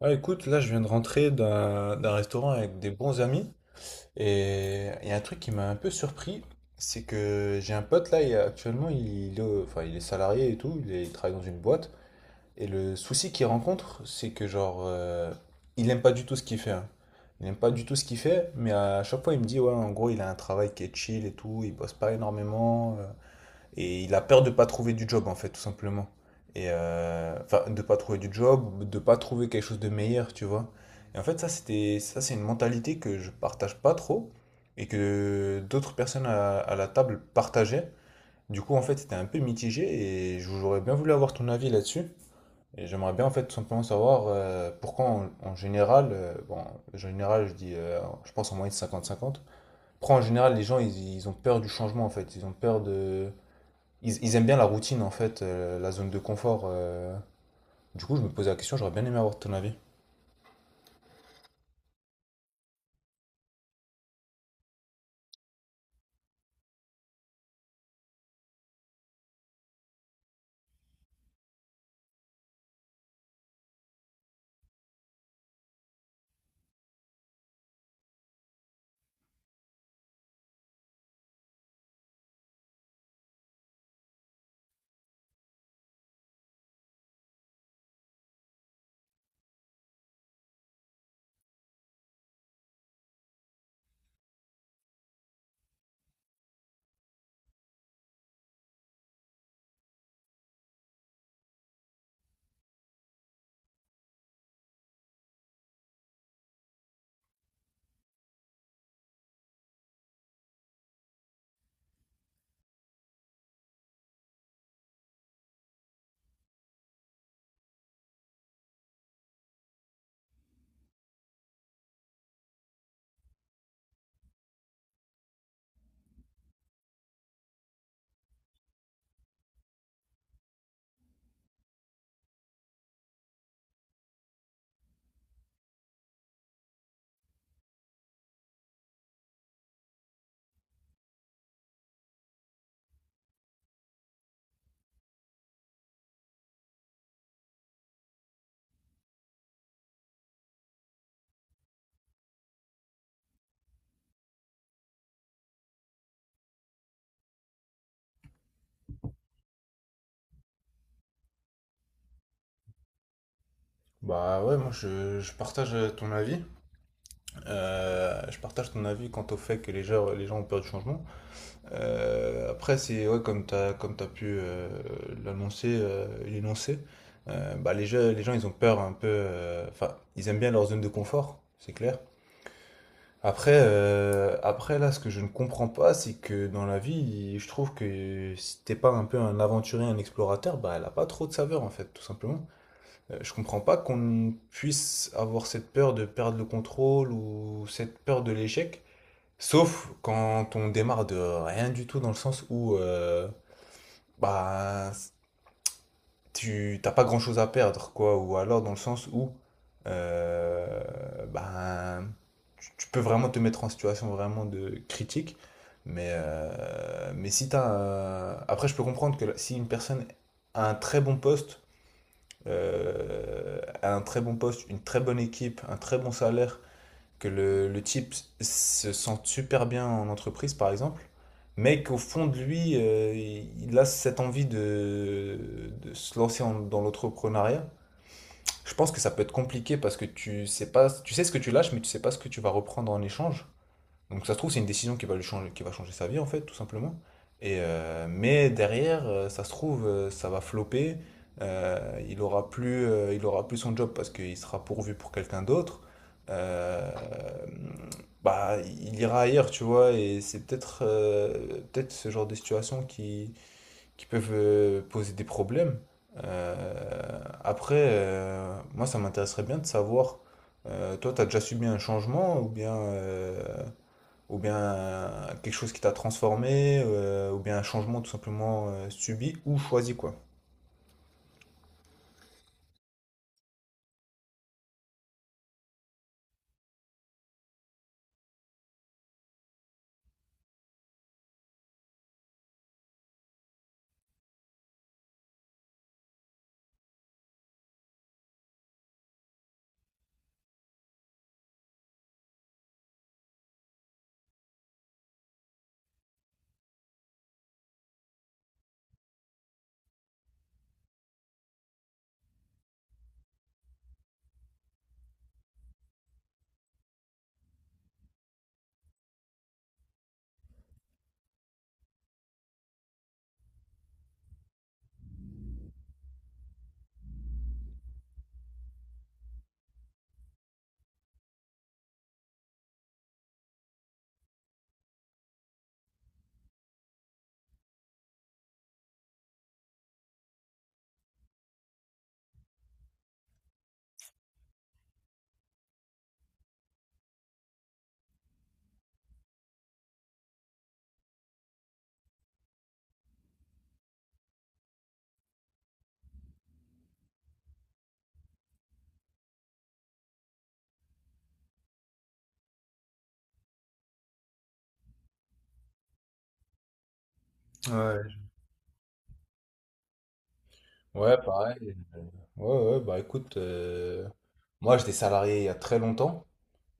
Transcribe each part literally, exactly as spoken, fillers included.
Ouais, écoute, là je viens de rentrer d'un d'un restaurant avec des bons amis et il y a un truc qui m'a un peu surpris, c'est que j'ai un pote là, et actuellement il est, au- enfin, il est salarié et tout, il, est- il travaille dans une boîte et le souci qu'il rencontre c'est que genre euh, il aime pas du tout ce qu'il fait, hein. Il aime pas du tout ce qu'il fait, mais à chaque fois il me dit ouais, en gros il a un travail qui est chill et tout, il bosse pas énormément, euh, et il a peur de pas trouver du job, en fait, tout simplement. Et euh, enfin, de pas trouver du job, de pas trouver quelque chose de meilleur, tu vois. Et en fait, ça, c'était, ça, c'est une mentalité que je partage pas trop et que d'autres personnes à, à la table partageaient. Du coup, en fait, c'était un peu mitigé et j'aurais bien voulu avoir ton avis là-dessus. Et j'aimerais bien, en fait, tout simplement savoir euh, pourquoi, en, en général, euh, bon, en général, je dis, euh, je pense en moyenne 50 cinquante pourquoi en général, les gens, ils, ils ont peur du changement, en fait. Ils ont peur de, ils, ils aiment bien la routine, en fait, euh, la zone de confort. Euh. Du coup, je me posais la question, j'aurais bien aimé avoir ton avis. Bah ouais, moi je, je partage euh, ton avis. Euh, je partage ton avis quant au fait que les gens, les gens ont peur du changement. Euh, après, c'est ouais, comme tu as, comme t'as pu euh, l'annoncer, euh, l'énoncer. Euh, bah, les gens, les gens ils ont peur un peu. euh, Enfin, ils aiment bien leur zone de confort, c'est clair. Après, euh, après, là, ce que je ne comprends pas, c'est que dans la vie, je trouve que si t'es pas un peu un aventurier, un explorateur, bah, elle a pas trop de saveur, en fait, tout simplement. Euh, je comprends pas qu'on puisse avoir cette peur de perdre le contrôle ou cette peur de l'échec, sauf quand on démarre de rien du tout, dans le sens où, euh, bah, tu t'as pas grand-chose à perdre, quoi. Ou alors dans le sens où euh, ben, tu, tu peux vraiment te mettre en situation vraiment de critique. Mais, euh, mais si t'as un- Après, je peux comprendre que la- si une personne a un très bon poste, euh, a un très bon poste, une très bonne équipe, un très bon salaire, que le, le type se sent super bien en entreprise, par exemple, mais qu'au fond de lui, euh, il a cette envie de, de se lancer en- dans l'entrepreneuriat. Je pense que ça peut être compliqué parce que tu sais pas, tu sais ce que tu lâches, mais tu sais pas ce que tu vas reprendre en échange. Donc ça se trouve, c'est une décision qui va lui changer, qui va changer sa vie, en fait, tout simplement. Et, euh, mais derrière, euh, ça se trouve, euh, ça va flopper. Euh, il aura plus, euh, il aura plus son job parce qu'il sera pourvu pour quelqu'un d'autre. Euh, bah, il ira ailleurs, tu vois. Et c'est peut-être, euh, peut-être ce genre de situation qui, qui peuvent euh, poser des problèmes. Euh, après, euh, moi, ça m'intéresserait bien de savoir, euh, toi, tu as déjà subi un changement ou bien... euh, ou bien euh, quelque chose qui t'a transformé, euh, ou bien un changement tout simplement euh, subi ou choisi, quoi. Ouais. Ouais, pareil. Ouais, ouais, bah écoute, euh, moi j'étais salarié il y a très longtemps,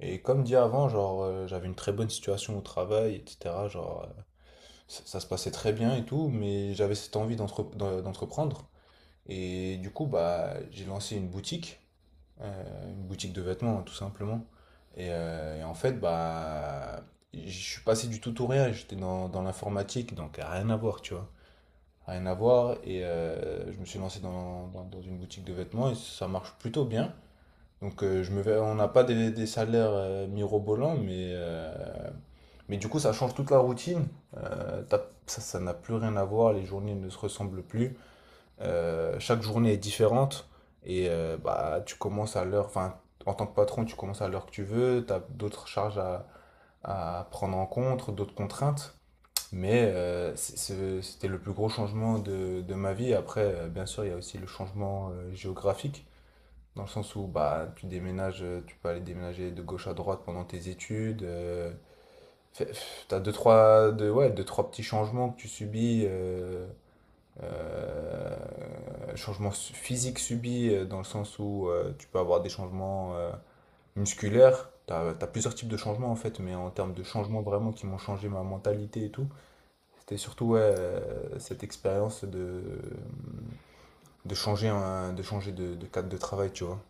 et comme dit avant, genre euh, j'avais une très bonne situation au travail, et cetera. Genre euh, ça, ça se passait très bien et tout, mais j'avais cette envie d'entre- d'en- d'entreprendre, et du coup, bah j'ai lancé une boutique. Euh, une boutique de vêtements, hein, tout simplement. Et, euh, et en fait, bah, je suis passé du tout au rien. J'étais dans, dans l'informatique, donc rien à voir, tu vois. Rien à voir. Et euh, je me suis lancé dans, dans, dans une boutique de vêtements et ça marche plutôt bien. Donc, euh, je me vais, on n'a pas des, des salaires euh, mirobolants, mais, euh, mais du coup, ça change toute la routine. Euh, t'as- ça, ça n'a plus rien à voir, les journées ne se ressemblent plus. Euh, chaque journée est différente et euh, bah, tu commences à l'heure, enfin, en tant que patron, tu commences à l'heure que tu veux, tu as d'autres charges à, à prendre en compte, d'autres contraintes. Mais euh, c'est- c'est- c'était le plus gros changement de, de ma vie. Après, euh, bien sûr, il y a aussi le changement euh, géographique, dans le sens où bah, tu déménages, euh, tu peux aller déménager de gauche à droite pendant tes études. euh, fait- T'as deux, trois, deux, ouais, deux, trois petits changements que tu subis euh, euh, changements physiques subis euh, dans le sens où euh, tu peux avoir des changements euh, musculaires. Tu as plusieurs types de changements en fait, mais en termes de changements vraiment qui m'ont changé ma mentalité et tout, c'était surtout ouais, euh, cette expérience de, de changer, un- de, changer de, de cadre de travail, tu vois.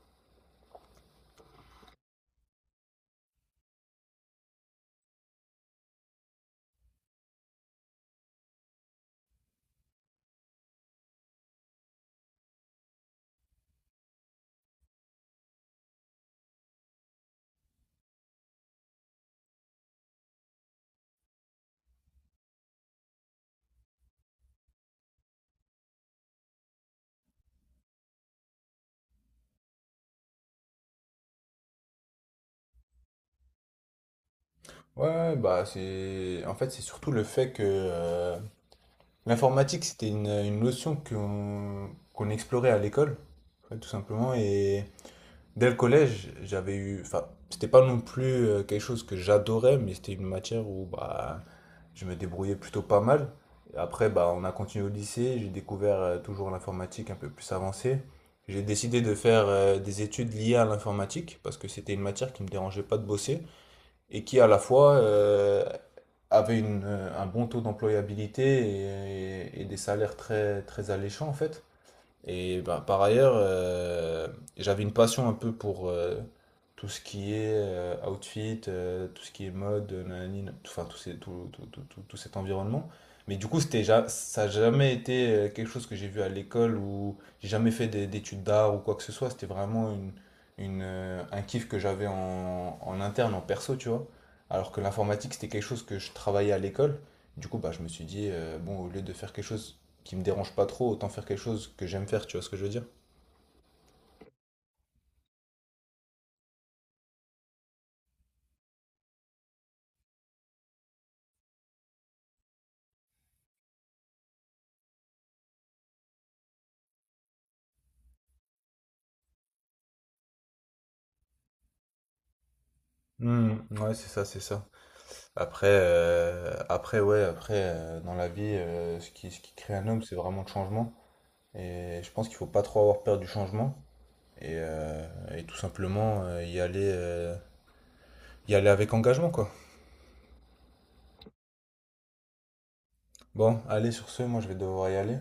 Ouais, ouais, bah c'est en fait c'est surtout le fait que euh, l'informatique c'était une, une notion qu'on qu'on explorait à l'école, en fait, tout simplement. Et dès le collège, j'avais eu. Enfin, c'était pas non plus euh, quelque chose que j'adorais, mais c'était une matière où bah, je me débrouillais plutôt pas mal. Et après, bah, on a continué au lycée, j'ai découvert euh, toujours l'informatique un peu plus avancée. J'ai décidé de faire euh, des études liées à l'informatique parce que c'était une matière qui me dérangeait pas de bosser et qui à la fois euh, avait une, euh, un bon taux d'employabilité et, et et des salaires très, très alléchants en fait. Et ben, par ailleurs, euh, j'avais une passion un peu pour euh, tout ce qui est euh, outfit, euh, tout ce qui est mode, euh, nanani, nan- tout, enfin, tout, ces- tout, tout- tout- tout- tout cet environnement. Mais du coup, c'était, ja- ça n'a jamais été euh, quelque chose que j'ai vu à l'école ou j'ai jamais fait des- d'études d'art ou quoi que ce soit. C'était vraiment une, une, euh, un kiff que j'avais en, en interne, en perso, tu vois. Alors que l'informatique, c'était quelque chose que je travaillais à l'école. Du coup, bah, je me suis dit, euh, bon, au lieu de faire quelque chose qui me dérange pas trop, autant faire quelque chose que j'aime faire, tu vois ce que je veux dire? Hmm, ouais, c'est ça, c'est ça. Après, euh, après ouais, après, euh, dans la vie, euh, ce qui, ce qui crée un homme, c'est vraiment le changement. Et je pense qu'il faut pas trop avoir peur du changement. Et, euh, et tout simplement euh, y aller, euh, y aller avec engagement, quoi. Bon, allez, sur ce, moi je vais devoir y aller.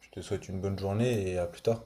Je te souhaite une bonne journée et à plus tard.